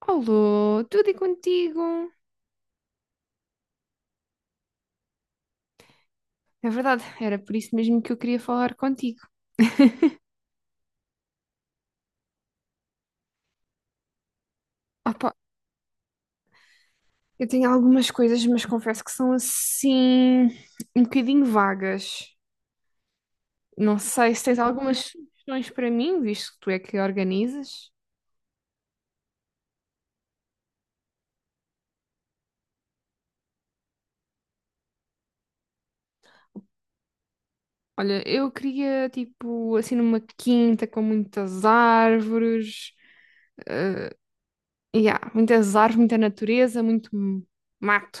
Alô, tudo e contigo? É verdade, era por isso mesmo que eu queria falar contigo. Opa, eu tenho algumas coisas, mas confesso que são assim um bocadinho vagas. Não sei se tens algumas sugestões para mim, visto que tu é que organizas. Olha, eu queria tipo assim numa quinta com muitas árvores. Yeah, muitas árvores, muita natureza, muito mato.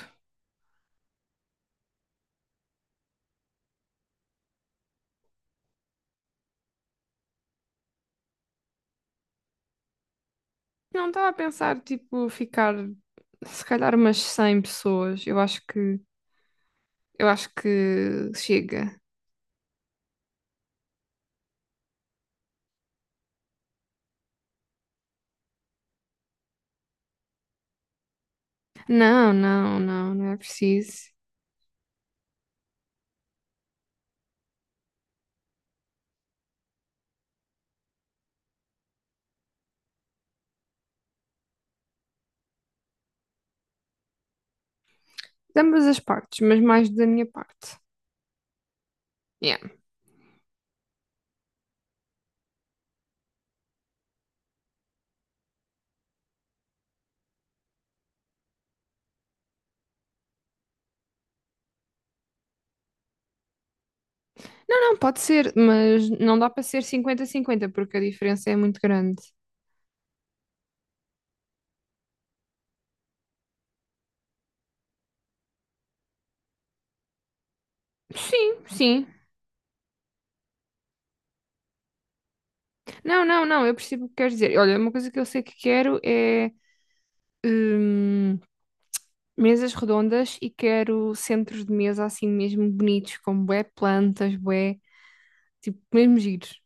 Não estava a pensar tipo ficar se calhar umas 100 pessoas. Eu acho que chega. Não, não, não, não é preciso. De ambas as partes, mas mais da minha parte. Yeah. Não, não, pode ser, mas não dá para ser 50-50 porque a diferença é muito grande. Sim, sim. Não, não, não, eu percebo o que queres dizer. Olha, uma coisa que eu sei que quero é hum, mesas redondas e quero centros de mesa assim mesmo bonitos, com bué plantas, bué, tipo, mesmo giros.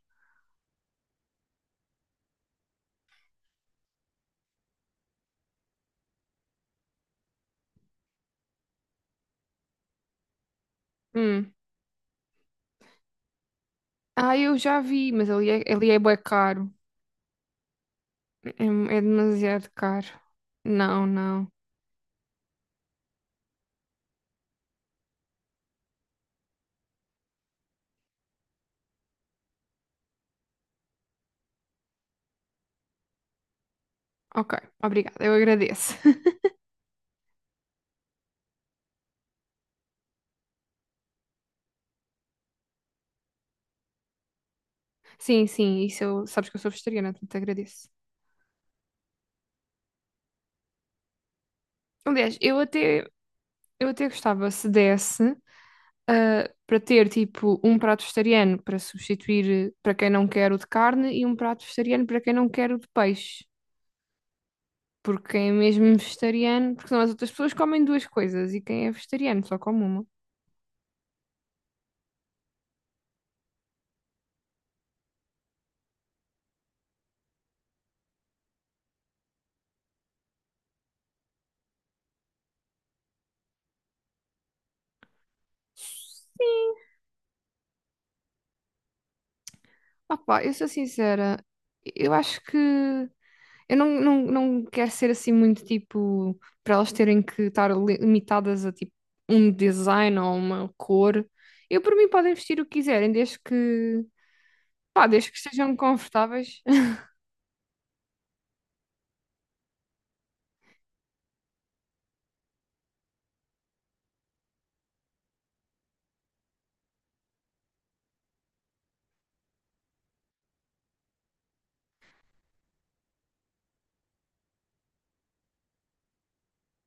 Hum. Ah, eu já vi, mas ali é bué caro. É, é demasiado caro. Não, não. Ok, obrigada, eu agradeço. Sim, sim, isso eu, sabes que eu sou vegetariana, portanto agradeço. Aliás, eu até gostava se desse. Para ter tipo um prato vegetariano para substituir para quem não quer o de carne e um prato vegetariano para quem não quer o de peixe. Porque quem é mesmo vegetariano, porque senão as outras pessoas comem duas coisas e quem é vegetariano só come uma. Sim, opá, eu sou sincera, eu acho que eu não quero ser assim muito tipo para elas terem que estar limitadas a tipo um design ou uma cor. Eu por mim podem vestir o que quiserem, desde que estejam confortáveis.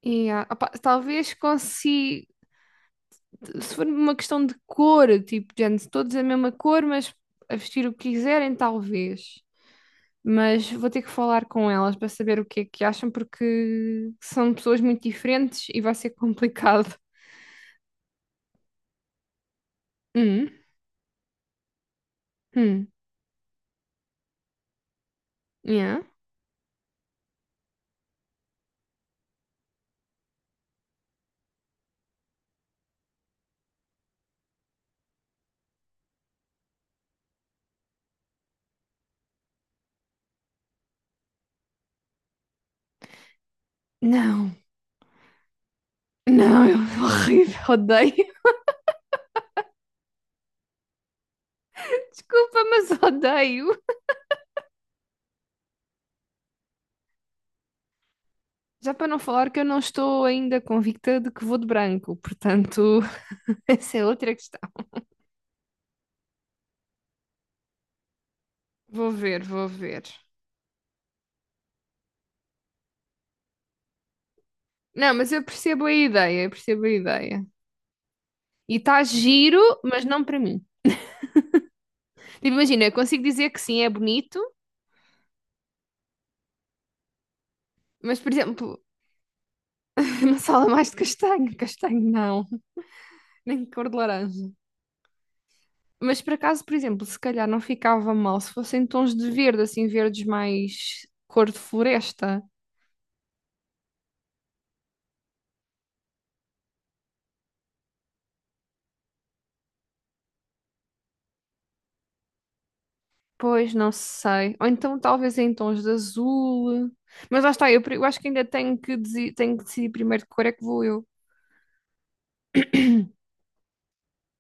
E, opá, talvez consiga, se for uma questão de cor, tipo, gente, todos é a mesma cor, mas a vestir o que quiserem, talvez. Mas vou ter que falar com elas para saber o que é que acham, porque são pessoas muito diferentes e vai ser complicado. Hum, hum, yeah. Não, não, é horrível, odeio. Desculpa, mas odeio. Já para não falar que eu não estou ainda convicta de que vou de branco, portanto, essa é outra questão. Vou ver, vou ver. Não, mas eu percebo a ideia, eu percebo a ideia. E está giro, mas não para mim. Tipo, imagina, eu consigo dizer que sim, é bonito, mas, por exemplo, uma sala mais de castanho, castanho não, nem de cor de laranja. Mas por acaso, por exemplo, se calhar não ficava mal se fossem tons de verde, assim, verdes mais cor de floresta. Pois, não sei. Ou então talvez em tons de azul. Mas lá está, eu acho que ainda tenho que decidir primeiro que cor é que vou eu.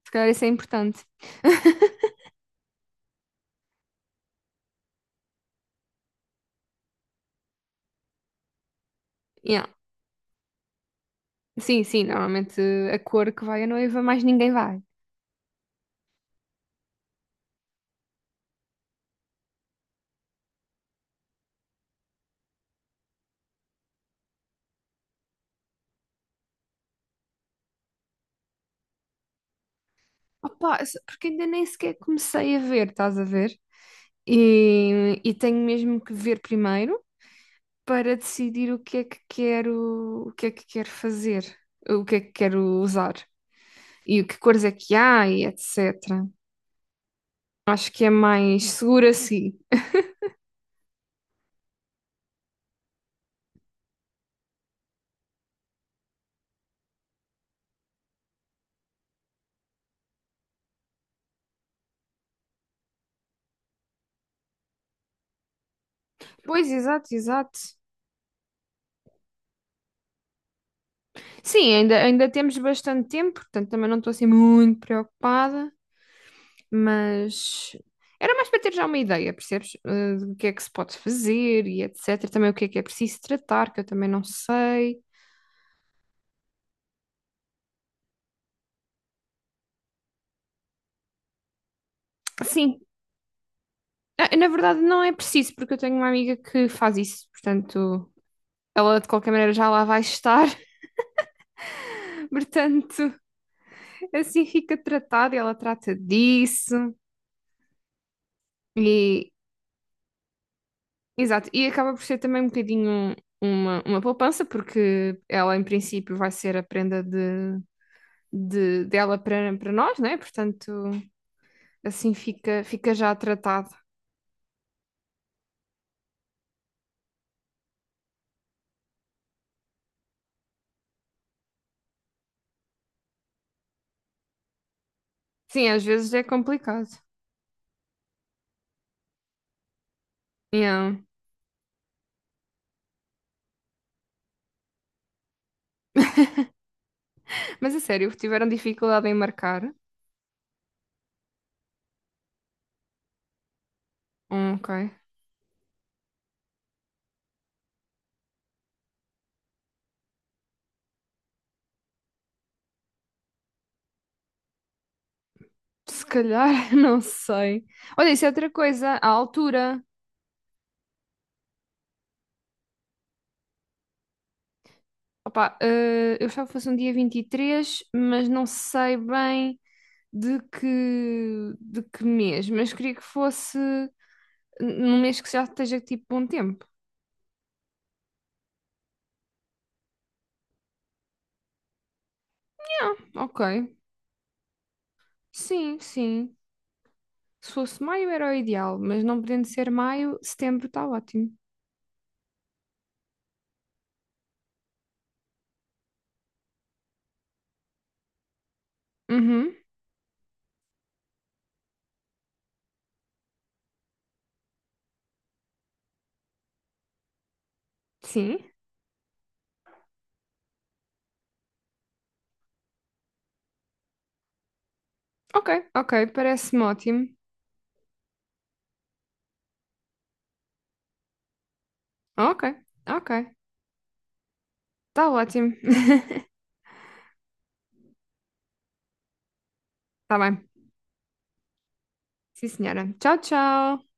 Se calhar isso é importante. Yeah. Sim, sim, normalmente a cor que vai a noiva, mais ninguém vai. Opa, porque ainda nem sequer comecei a ver, estás a ver? E tenho mesmo que ver primeiro para decidir o que é que quero, o que é que quero fazer, o que é que quero usar e o que cores é que há e etc. Acho que é mais seguro assim. Pois, exato, exato. Sim, ainda temos bastante tempo, portanto também não estou assim muito preocupada. Mas era mais para ter já uma ideia, percebes? Do que é que se pode fazer e etc. Também o que é preciso tratar, que eu também não sei. Sim, na verdade não é preciso, porque eu tenho uma amiga que faz isso, portanto. Ela de qualquer maneira já lá vai estar, portanto, assim fica tratado e ela trata disso. E, exato, e acaba por ser também um bocadinho uma poupança, porque ela em princípio vai ser a prenda dela para nós, né? Portanto, assim fica já tratado. Sim, às vezes é complicado. Yeah. Mas a sério, tiveram dificuldade em marcar? Ok. Se calhar, não sei. Olha, isso é outra coisa, a altura. Opa, eu achava que fosse um dia 23 mas não sei bem de que, de que mês. Mas queria que fosse num mês que já esteja tipo bom tempo. Ah, ok, sim, sim. Se fosse maio era o ideal, mas não podendo ser maio, setembro está ótimo. Uhum, sim. Ok, ok, parece-me ótimo. Ok, ok, está ótimo. Está bem. Sim, senhora. Tchau, tchau.